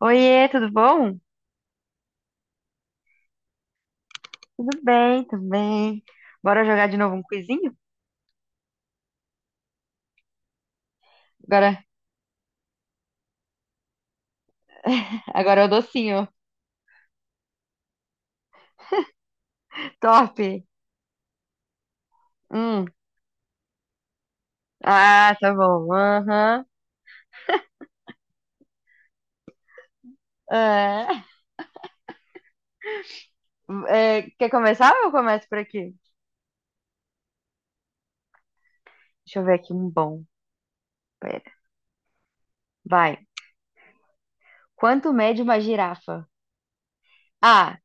Oiê, tudo bom? Tudo bem, tudo bem. Bora jogar de novo um quizinho? Agora, agora é o docinho. Top. Hum. Ah, tá bom. Aham. É. É, quer começar ou eu começo por aqui? Deixa eu ver aqui um bom. Pera. Vai. Quanto mede uma girafa? A.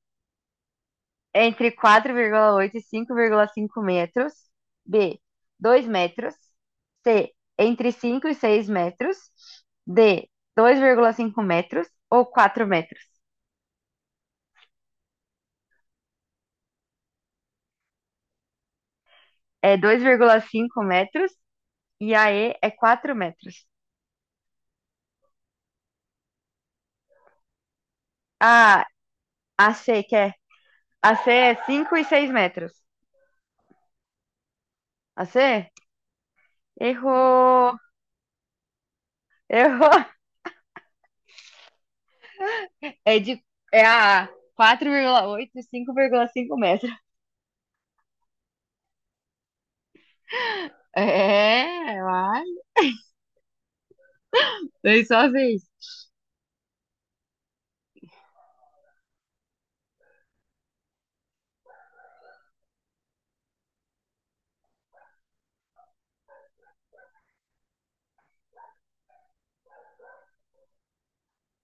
Entre 4,8 e 5,5 metros. B. 2 metros. C. Entre 5 e 6 metros. D. Dois vírgula cinco metros ou 4 metros? É 2,5 metros e a E é 4 metros. A, a C, que é? A C é 5 e 6 metros. A C? Errou! Errou! É de, É a A. 4,8 e cinco vírgula cinco metros. É, vai. Foi só vez.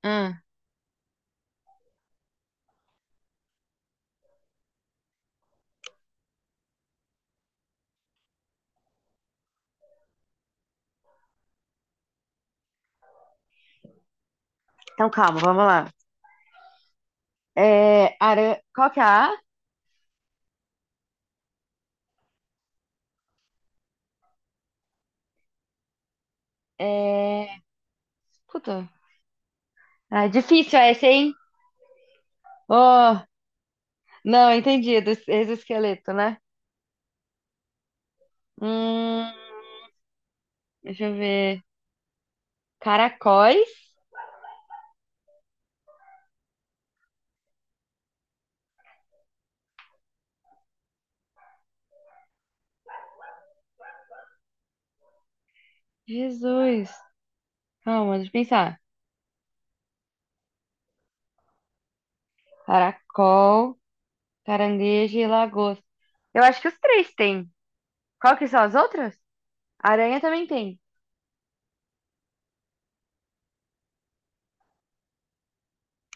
Hum. Então calma, vamos lá. É, qual que é a A? É... Puta. É difícil essa, hein? Oh, não, entendi. Do exoesqueleto, né? Hum, Deixa eu ver. Caracóis? Jesus. Calma, deixa eu pensar. Caracol, caranguejo e lagosta. Eu acho que os três têm. Qual que são as outras? Aranha também tem.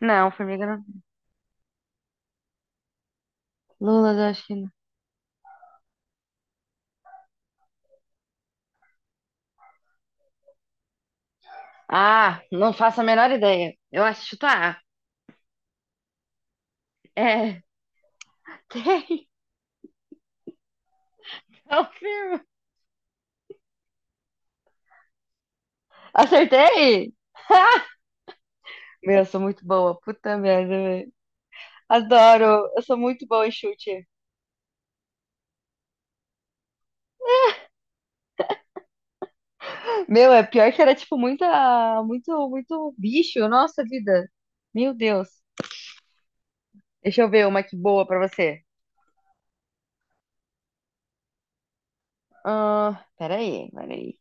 Não, formiga não. Lula, eu acho que não. Ah, não faço a menor ideia. Eu acho chutar. É, tem. Confirmo. Acertei? Meu, eu sou muito boa. Puta merda, velho. Adoro. Eu sou muito boa em chute. Meu, é pior que era tipo muita, muito, muito bicho, nossa vida. Meu Deus. Deixa eu ver uma que boa pra você. Ah, peraí, peraí.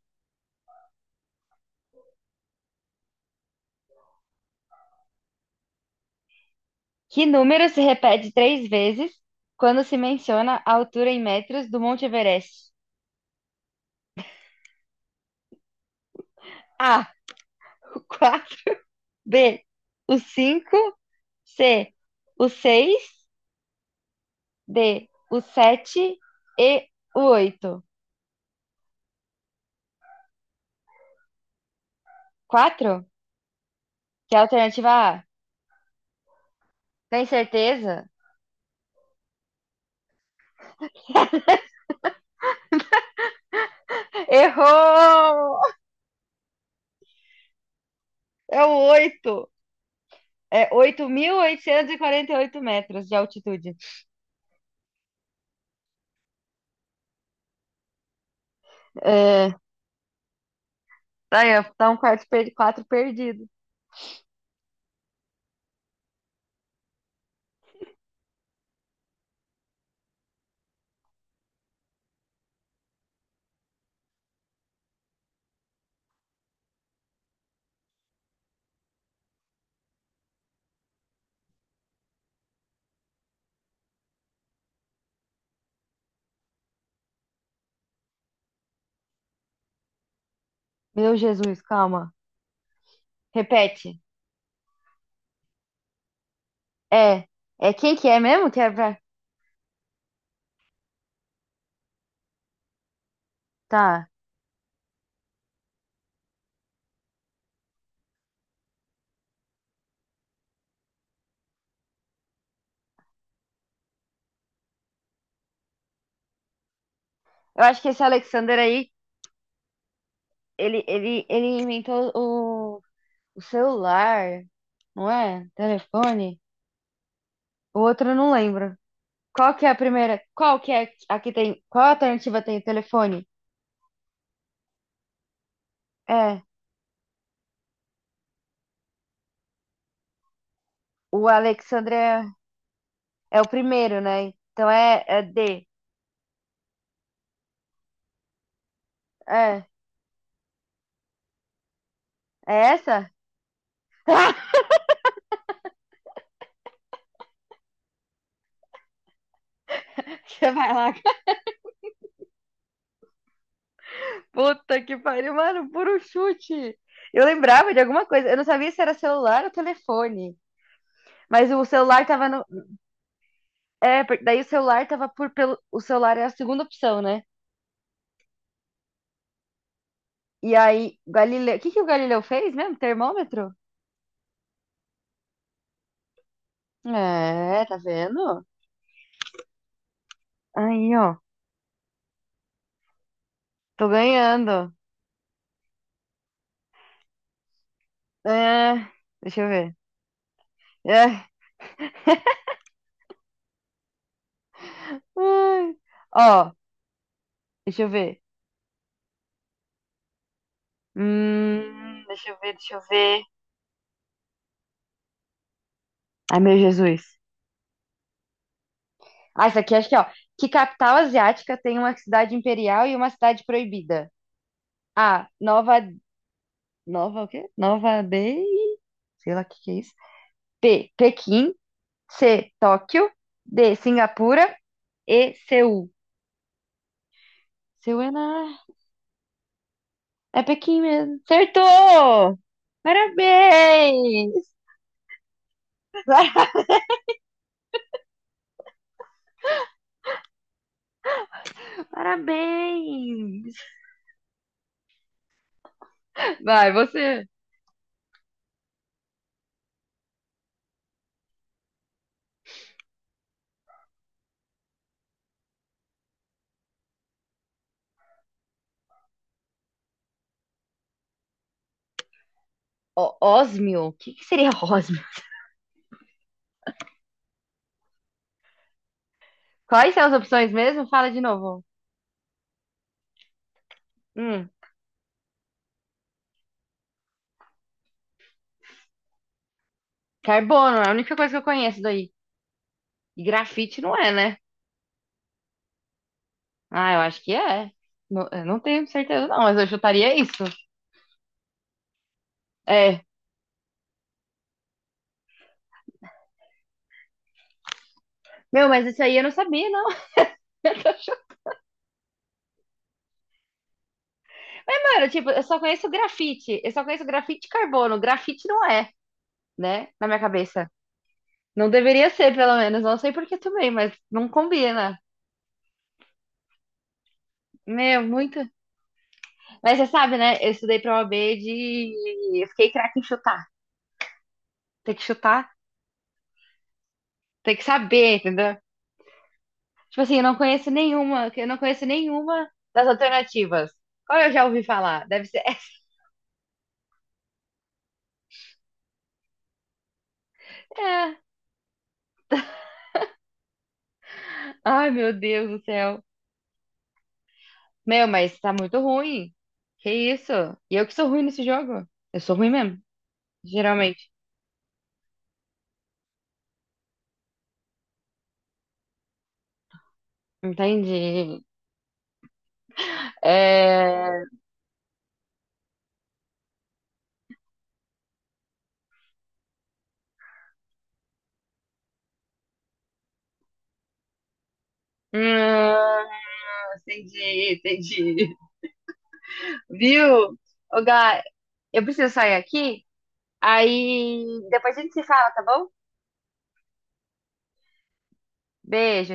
Que número se repete três vezes quando se menciona a altura em metros do Monte Everest? A, o 4. B, o 5. C, o 6. D, o 7. E o oito. Quatro? Que é a alternativa A. Tem certeza? Errou! É o 8. É 8.800 e 48 metros de altitude. É, tá aí, ó, tá um quarto quatro perdido. Meu Jesus, calma. Repete. É, é quem que é mesmo que é pra... Tá. Eu acho que esse Alexander aí, ele inventou o celular, não é? Telefone. O outro eu não lembro. Qual que é a primeira? Qual que é a que tem? Qual alternativa tem o telefone? É, o Alexander é o primeiro, né? Então é D. É. É essa? Você vai lá. Puta que pariu, mano, puro chute. Eu lembrava de alguma coisa. Eu não sabia se era celular ou telefone. Mas o celular tava no. É, porque daí o celular tava por. Pelo... O celular é a segunda opção, né? E aí, Galileu. O que que o Galileu fez mesmo? Termômetro? É, tá vendo? Aí, ó. Tô ganhando. É, deixa eu ver. É. Ai. Ó, deixa eu ver. Deixa eu ver, deixa eu ver. Ai, meu Jesus. Ah, isso aqui acho que, ó. Que capital asiática tem uma cidade imperial e uma cidade proibida? A. Nova. Nova o quê? Nova Bay. Sei lá o que que é isso. B. Pequim. C. Tóquio. D. Singapura. E. Seul. Seul é na. É Pequim mesmo. Acertou! Parabéns! Parabéns! Vai, você. Ó, ósmio? O que que seria ósmio? Quais são as opções mesmo? Fala de novo. Hum, Carbono, é a única coisa que eu conheço daí. E grafite não é, né? Ah, eu acho que é. Não, eu não tenho certeza, não, mas eu chutaria isso. É. Meu, mas isso aí eu não sabia, não. Mano, tipo, eu só conheço grafite. Eu só conheço grafite de carbono. Grafite não é, né? Na minha cabeça. Não deveria ser, pelo menos. Não sei por que também, mas não combina. Meu, muito. Mas você sabe, né? Eu estudei pra OAB de. Eu fiquei craque em chutar. Tem que chutar, tem que saber, entendeu? Tipo assim, eu não conheço nenhuma. Eu não conheço nenhuma das alternativas. Qual eu já ouvi falar? Deve ser É. Ai, meu Deus do céu. Meu, mas tá muito ruim. Que isso? E eu que sou ruim nesse jogo. Eu sou ruim mesmo, geralmente. Entendi. É... hum, Entendi, entendi. Viu? Ô, Gá, eu preciso sair aqui. Aí depois a gente se fala, tá bom? Beijo.